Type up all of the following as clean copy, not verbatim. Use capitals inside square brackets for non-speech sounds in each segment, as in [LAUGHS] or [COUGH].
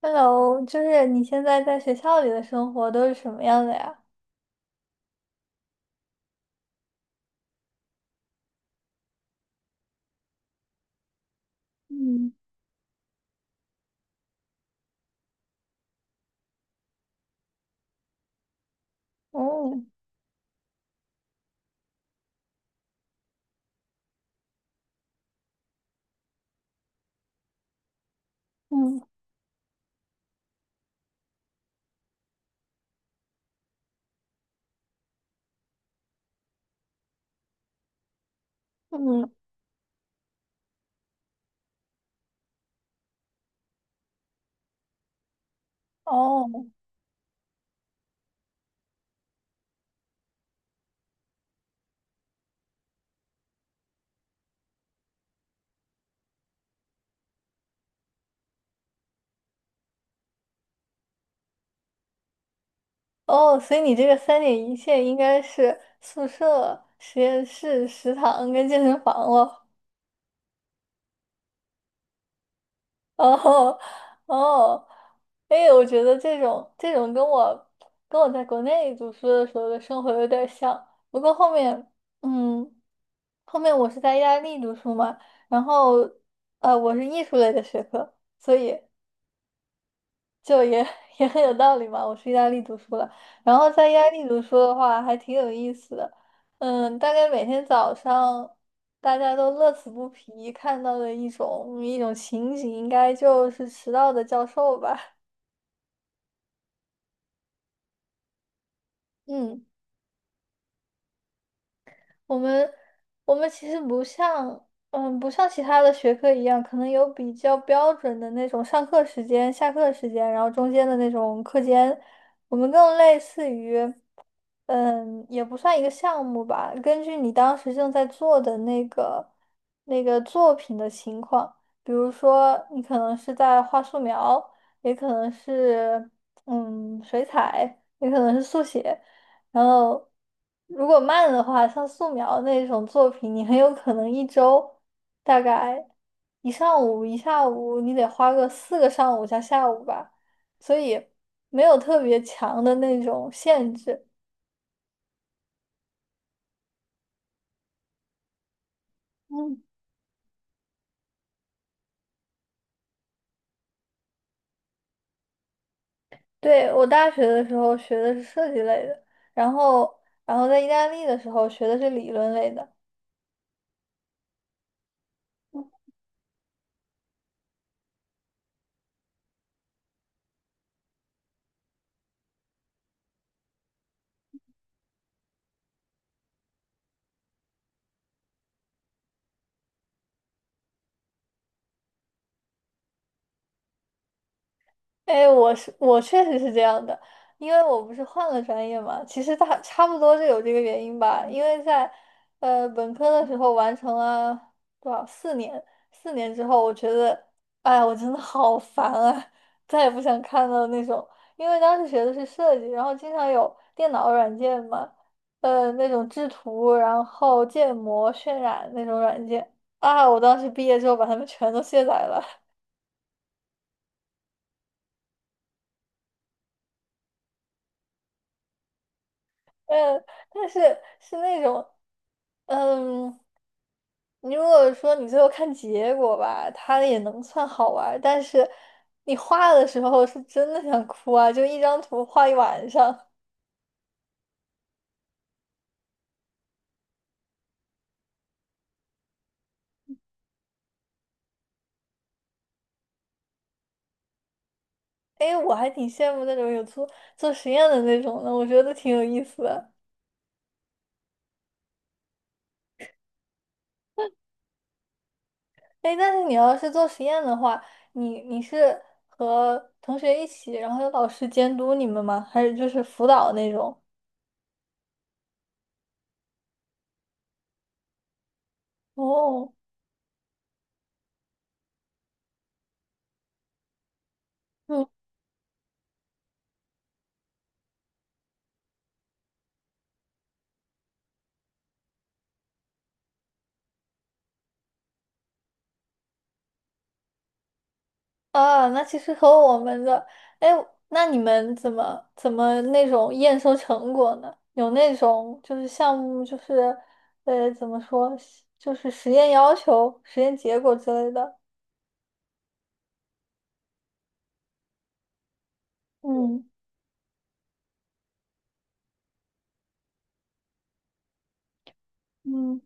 Hello，就是你现在在学校里的生活都是什么样的呀？嗯。哦。嗯嗯。哦哦，所以你这个三点一线应该是宿舍、实验室、食堂跟健身房了。哦哦，哎，我觉得这种跟我跟我在国内读书的时候的生活有点像，不过后面嗯。后面我是在意大利读书嘛，然后我是艺术类的学科，所以就也 [LAUGHS] 也很有道理嘛。我去意大利读书了，然后在意大利读书的话还挺有意思的。嗯，大概每天早上大家都乐此不疲看到的一种情景，应该就是迟到的教授吧。[LAUGHS] 嗯，我们我们其实不像。嗯，不像其他的学科一样，可能有比较标准的那种上课时间、下课时间，然后中间的那种课间，我们更类似于。嗯，也不算一个项目吧。根据你当时正在做的那个作品的情况，比如说你可能是在画素描，也可能是嗯水彩，也可能是速写。然后如果慢的话，像素描那种作品，你很有可能一周大概一上午一下午，你得花个四个上午加下午吧。所以没有特别强的那种限制。嗯。对，我大学的时候学的是设计类的，然后然后在意大利的时候学的是理论类的。哎，我确实是这样的，因为我不是换了专业嘛，其实大差不多就有这个原因吧。因为在本科的时候完成了多少四年，四年之后，我觉得，哎，我真的好烦啊，再也不想看到那种。因为当时学的是设计，然后经常有电脑软件嘛，那种制图，然后建模、渲染那种软件啊，我当时毕业之后把它们全都卸载了。嗯，但是是那种，嗯，你如果说你最后看结果吧，它也能算好玩儿，但是你画的时候是真的想哭啊，就一张图画一晚上。哎，我还挺羡慕那种有做实验的那种的，我觉得挺有意思的。哎，但是你要是做实验的话，你是和同学一起，然后有老师监督你们吗？还是就是辅导那种？哦。嗯。啊，那其实和我们的，哎，那你们怎么那种验收成果呢？有那种就是项目就是，呃，怎么说，就是实验要求、实验结果之类的。嗯。嗯。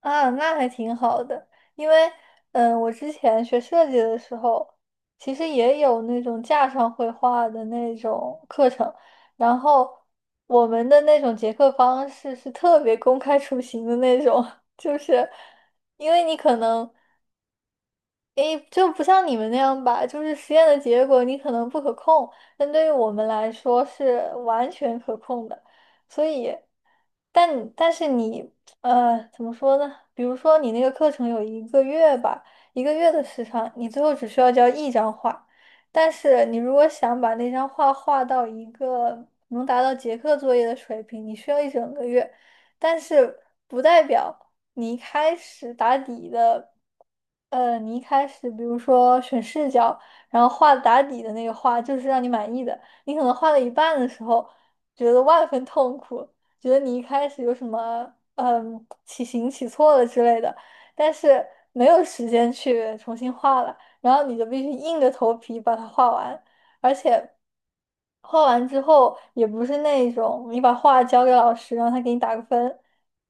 啊，那还挺好的，因为嗯，我之前学设计的时候，其实也有那种架上绘画的那种课程，然后我们的那种结课方式是特别公开出行的那种，[LAUGHS] 就是因为你可能。诶，就不像你们那样吧，就是实验的结果你可能不可控，但对于我们来说是完全可控的。所以，但是你怎么说呢？比如说你那个课程有一个月吧，一个月的时长，你最后只需要交一张画。但是你如果想把那张画画到一个能达到结课作业的水平，你需要一整个月。但是不代表。你一开始打底的，呃，你一开始比如说选视角，然后画打底的那个画就是让你满意的，你可能画了一半的时候觉得万分痛苦，觉得你一开始有什么嗯起形起错了之类的，但是没有时间去重新画了，然后你就必须硬着头皮把它画完，而且。画完之后也不是那种你把画交给老师让他给你打个分，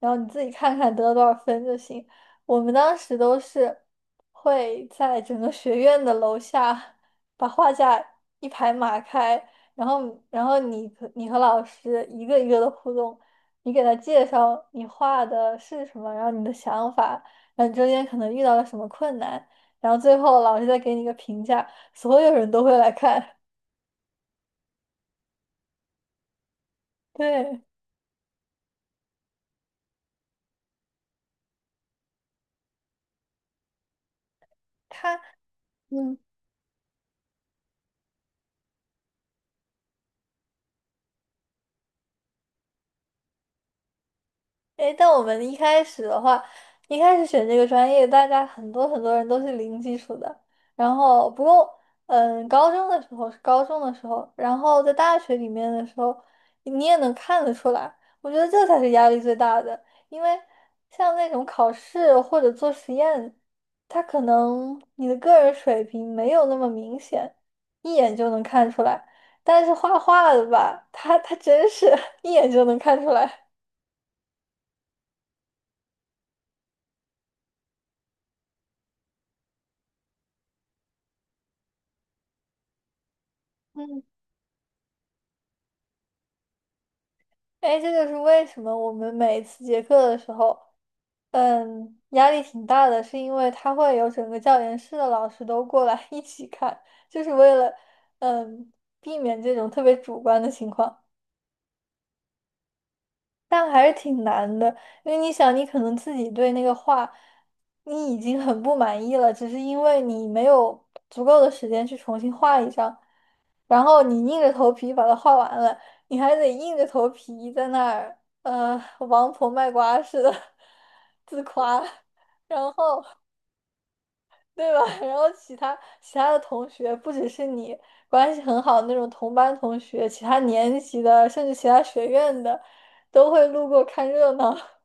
然后你自己看看得了多少分就行。我们当时都是会在整个学院的楼下把画架一排码开，然后你和你和老师一个一个的互动，你给他介绍你画的是什么，然后你的想法，然后你中间可能遇到了什么困难，然后最后老师再给你一个评价，所有人都会来看。[LAUGHS] 对，他。嗯，诶，但我们一开始的话，一开始选这个专业，大家很多人都是零基础的。然后，不过，嗯，高中的时候是高中的时候，然后在大学里面的时候，你也能看得出来。我觉得这才是压力最大的，因为像那种考试或者做实验，他可能你的个人水平没有那么明显，一眼就能看出来。但是画画的吧，他真是 [LAUGHS] 一眼就能看出来。嗯。哎，这就是为什么我们每一次结课的时候，嗯，压力挺大的，是因为他会有整个教研室的老师都过来 [LAUGHS] 一起看，就是为了，嗯，避免这种特别主观的情况。但还是挺难的，因为你想，你可能自己对那个画，你已经很不满意了，只是因为你没有足够的时间去重新画一张，然后你硬着头皮把它画完了，你还得硬着头皮在那儿呃王婆卖瓜似的 [LAUGHS] 自夸，然后对吧？[LAUGHS] 然后其他的同学不只是你关系很好的那种同班同学，其他年级的甚至其他学院的都会路过看热闹。[LAUGHS]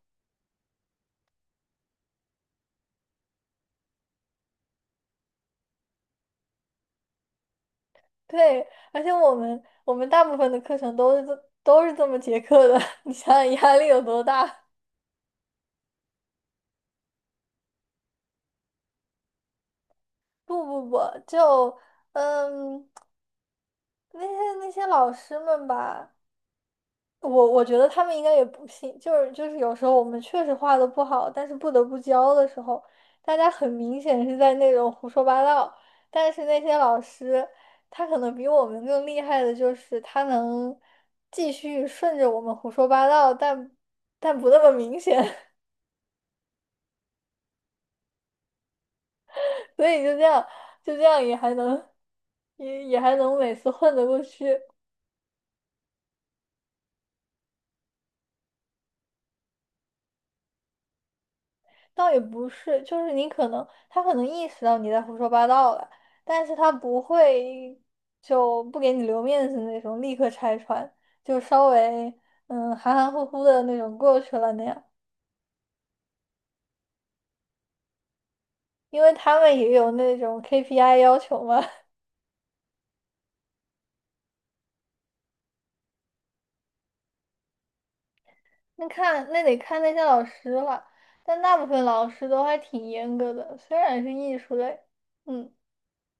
对，而且我们大部分的课程都是都是这么结课的，[LAUGHS] 你想想压力有多大？不不不，就嗯。那些老师们吧，我觉得他们应该也不信，就是有时候我们确实画的不好，但是不得不教的时候，大家很明显是在那种胡说八道，但是那些老师他可能比我们更厉害的就是他能继续顺着我们胡说八道，但不那么明显。[LAUGHS] 所以就这样也还能也还能每次混得过去。倒也不是，就是你可能他可能意识到你在胡说八道了，但是他不会就不给你留面子那种，立刻拆穿，就稍微嗯含含糊糊的那种过去了那样，因为他们也有那种 KPI 要求嘛。[LAUGHS] 那那得看那些老师了，但大部分老师都还挺严格的，虽然是艺术类，嗯，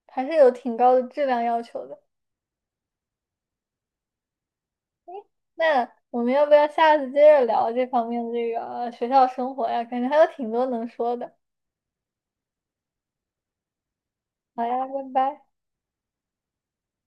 还是有挺高的质量要求的。那我们要不要下次接着聊这方面这个学校生活呀？感觉还有挺多能说的。好呀，拜拜。